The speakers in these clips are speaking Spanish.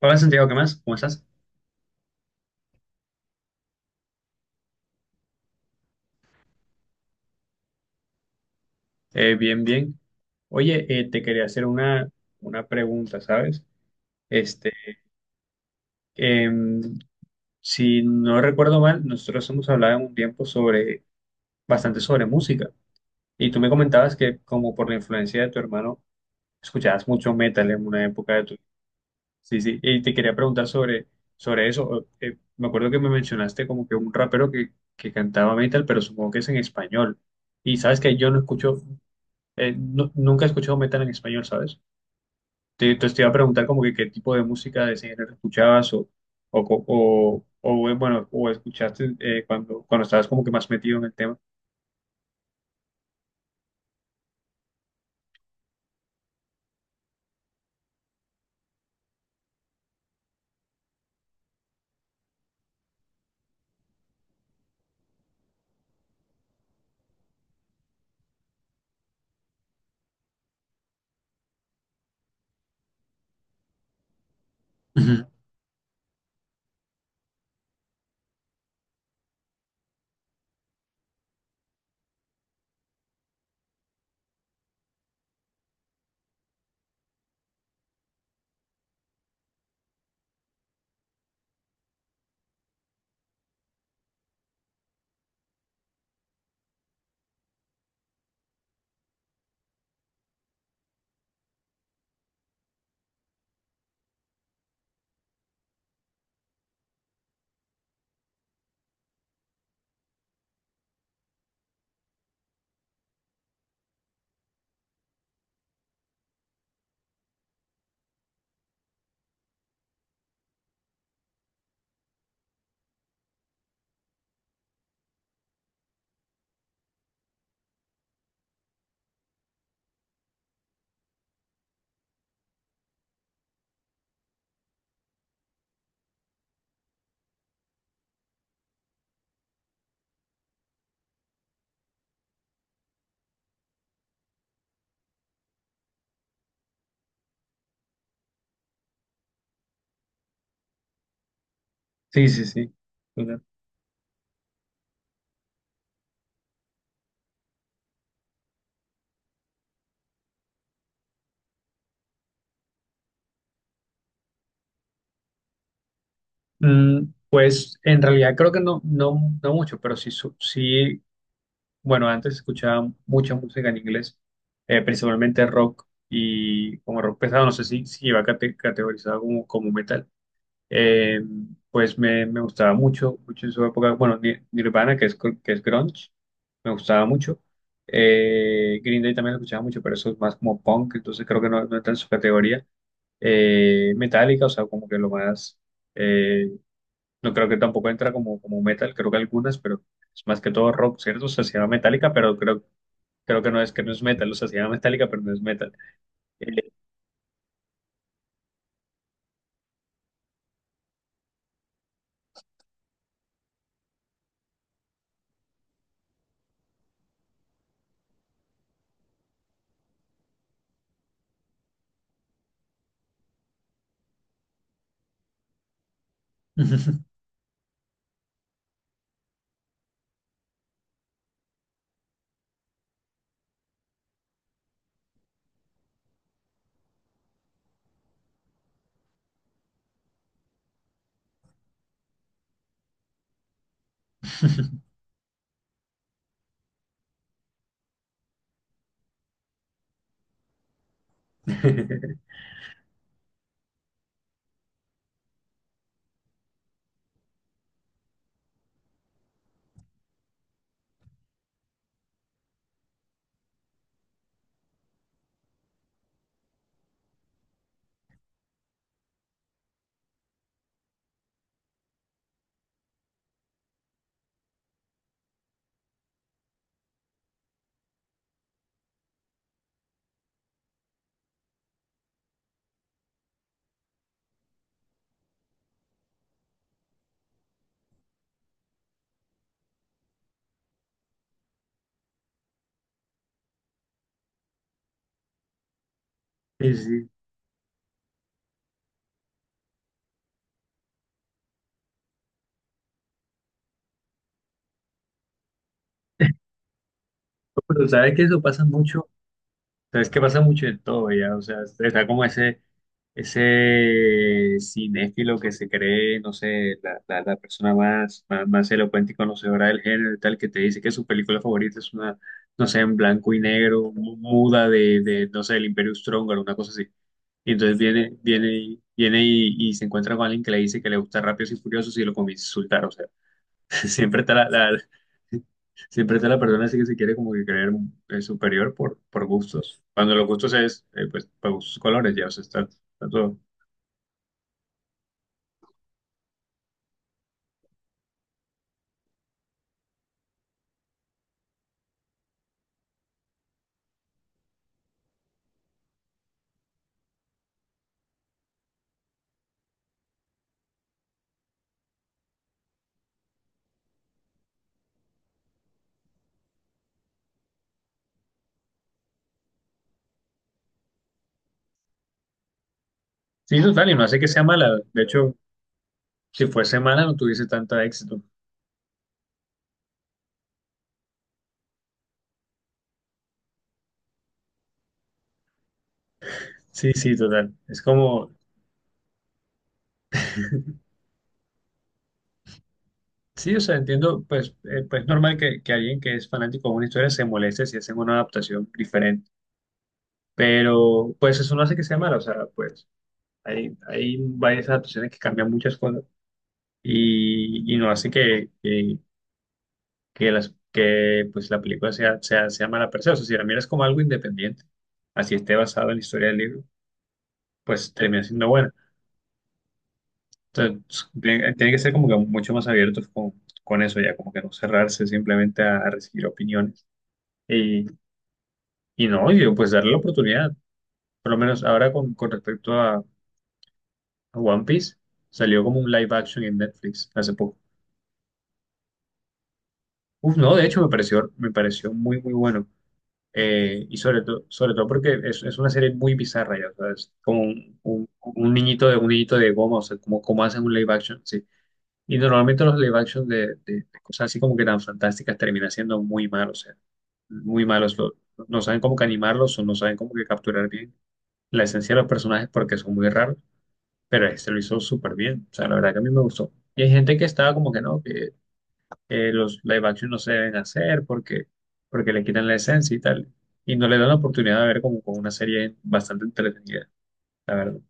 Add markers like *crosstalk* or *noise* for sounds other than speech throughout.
Hola Santiago, ¿qué más? ¿Cómo estás? Bien, bien. Oye, te quería hacer una pregunta, ¿sabes? Este, em, si no recuerdo mal, nosotros hemos hablado en un tiempo bastante sobre música. Y tú me comentabas que como por la influencia de tu hermano, escuchabas mucho metal en una época de tu... Sí, sí, y te quería preguntar sobre eso. O, me acuerdo que me mencionaste como que un rapero que cantaba metal, pero supongo que es en español. Y sabes que yo no escucho. Nunca he escuchado metal en español, ¿sabes? Entonces te iba a preguntar como que qué tipo de música de ese género escuchabas o, co- o, bueno, o escuchaste cuando, cuando estabas como que más metido en el tema. Ujú. Sí, sí, sí. Total. Pues en realidad creo que no, no, no mucho, pero sí, sí, bueno, antes escuchaba mucha música en inglés, principalmente rock y como rock pesado, no sé si iba categorizado como, como metal. Eh, pues me gustaba mucho, mucho en su época, bueno, Nirvana, que es grunge, me gustaba mucho. Green Day también lo escuchaba mucho, pero eso es más como punk, entonces creo que no, no entra en su categoría. Metallica, o sea, como que lo más, eh, no creo que tampoco entra como, como metal, creo que algunas, pero es más que todo rock, ¿cierto? O sea, se llama Metallica, pero creo que no es metal, o sea, se llama Metallica, pero no es metal. Eh, *laughs* *laughs* Sí, sí. Pero sabes que eso pasa mucho. Sea, es que pasa mucho de todo ya, o sea, está como ese cinéfilo que se cree, no sé, la persona más, más, más elocuente y conocedora del género y tal, que te dice que su película favorita es una, no sé, en blanco y negro, muda de no sé, el Imperio Strong una cosa así. Y entonces y se encuentra con alguien que le dice que le gusta Rápidos y Furiosos y lo comienza a insultar, o sea, *laughs* siempre está la, la- Siempre está la persona así que se quiere como que creer superior por gustos. Cuando los gustos es, pues, para gustos colores, ya, o sea, está, está todo. Sí, total, y no hace que sea mala. De hecho, si fuese mala no tuviese tanto éxito. Sí, sí, total. Es como, sí, o sea, entiendo, pues, pues es normal que alguien que es fanático de una historia se moleste si hacen una adaptación diferente. Pero, pues, eso no hace que sea mala. O sea, pues, hay varias adaptaciones que cambian muchas cosas y no hace que pues, la película sea mala per se. O sea, si la miras como algo independiente, así esté basado en la historia del libro, pues termina siendo buena. Entonces, tiene que ser como que mucho más abiertos con eso ya, como que no cerrarse simplemente a recibir opiniones. Y, y no, y pues darle la oportunidad. Por lo menos ahora con respecto a One Piece, salió como un live action en Netflix hace poco. Uf, no, de hecho me pareció muy, muy bueno. Y sobre todo porque es una serie muy bizarra, ya, o sea, es como un, un niñito de goma, o sea, como, como hacen un live action, sí. Y normalmente los live action de cosas así como que tan fantásticas termina siendo muy malos, o sea, muy malos. No saben cómo que animarlos o no saben cómo que capturar bien la esencia de los personajes porque son muy raros, pero este lo hizo súper bien, o sea, la verdad que a mí me gustó. Y hay gente que estaba como que no, los live action no se deben hacer porque le quitan la esencia y tal. Y no le dan la oportunidad de ver como con una serie bastante entretenida, la verdad.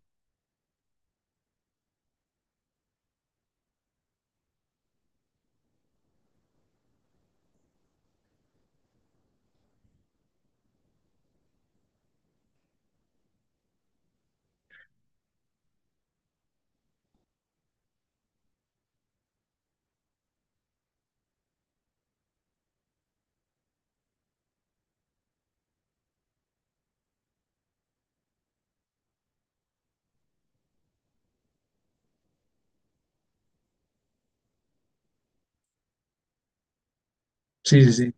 Sí, sí, sí,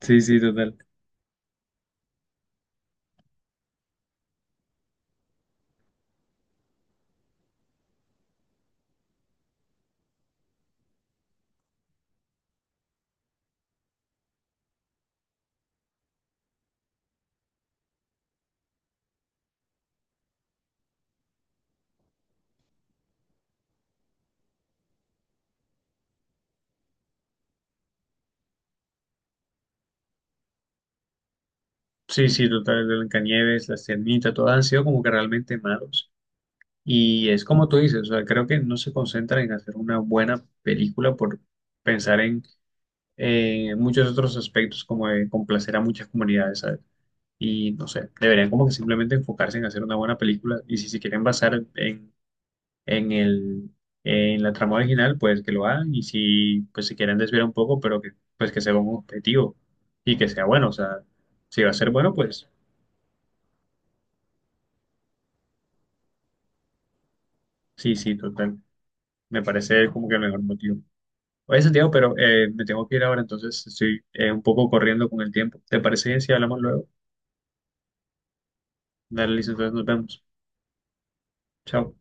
sí, sí, total. Sí, sí, total. El Blancanieves, La Sirenita, todas han sido como que realmente malos. Y es como tú dices, o sea, creo que no se concentran en hacer una buena película por pensar en muchos otros aspectos como de complacer a muchas comunidades, ¿sabes? Y no sé, deberían como que simplemente enfocarse en hacer una buena película y si se quieren basar en en el, en la trama original, pues que lo hagan y si pues se quieren desviar un poco, pero que pues que sea un objetivo y que sea bueno, o sea, si va a ser bueno, pues sí, sí, total, me parece como que el mejor motivo. Oye, Santiago, pero me tengo que ir ahora, entonces estoy un poco corriendo con el tiempo. ¿Te parece bien si hablamos luego? Dale, listo, entonces nos vemos. Chao.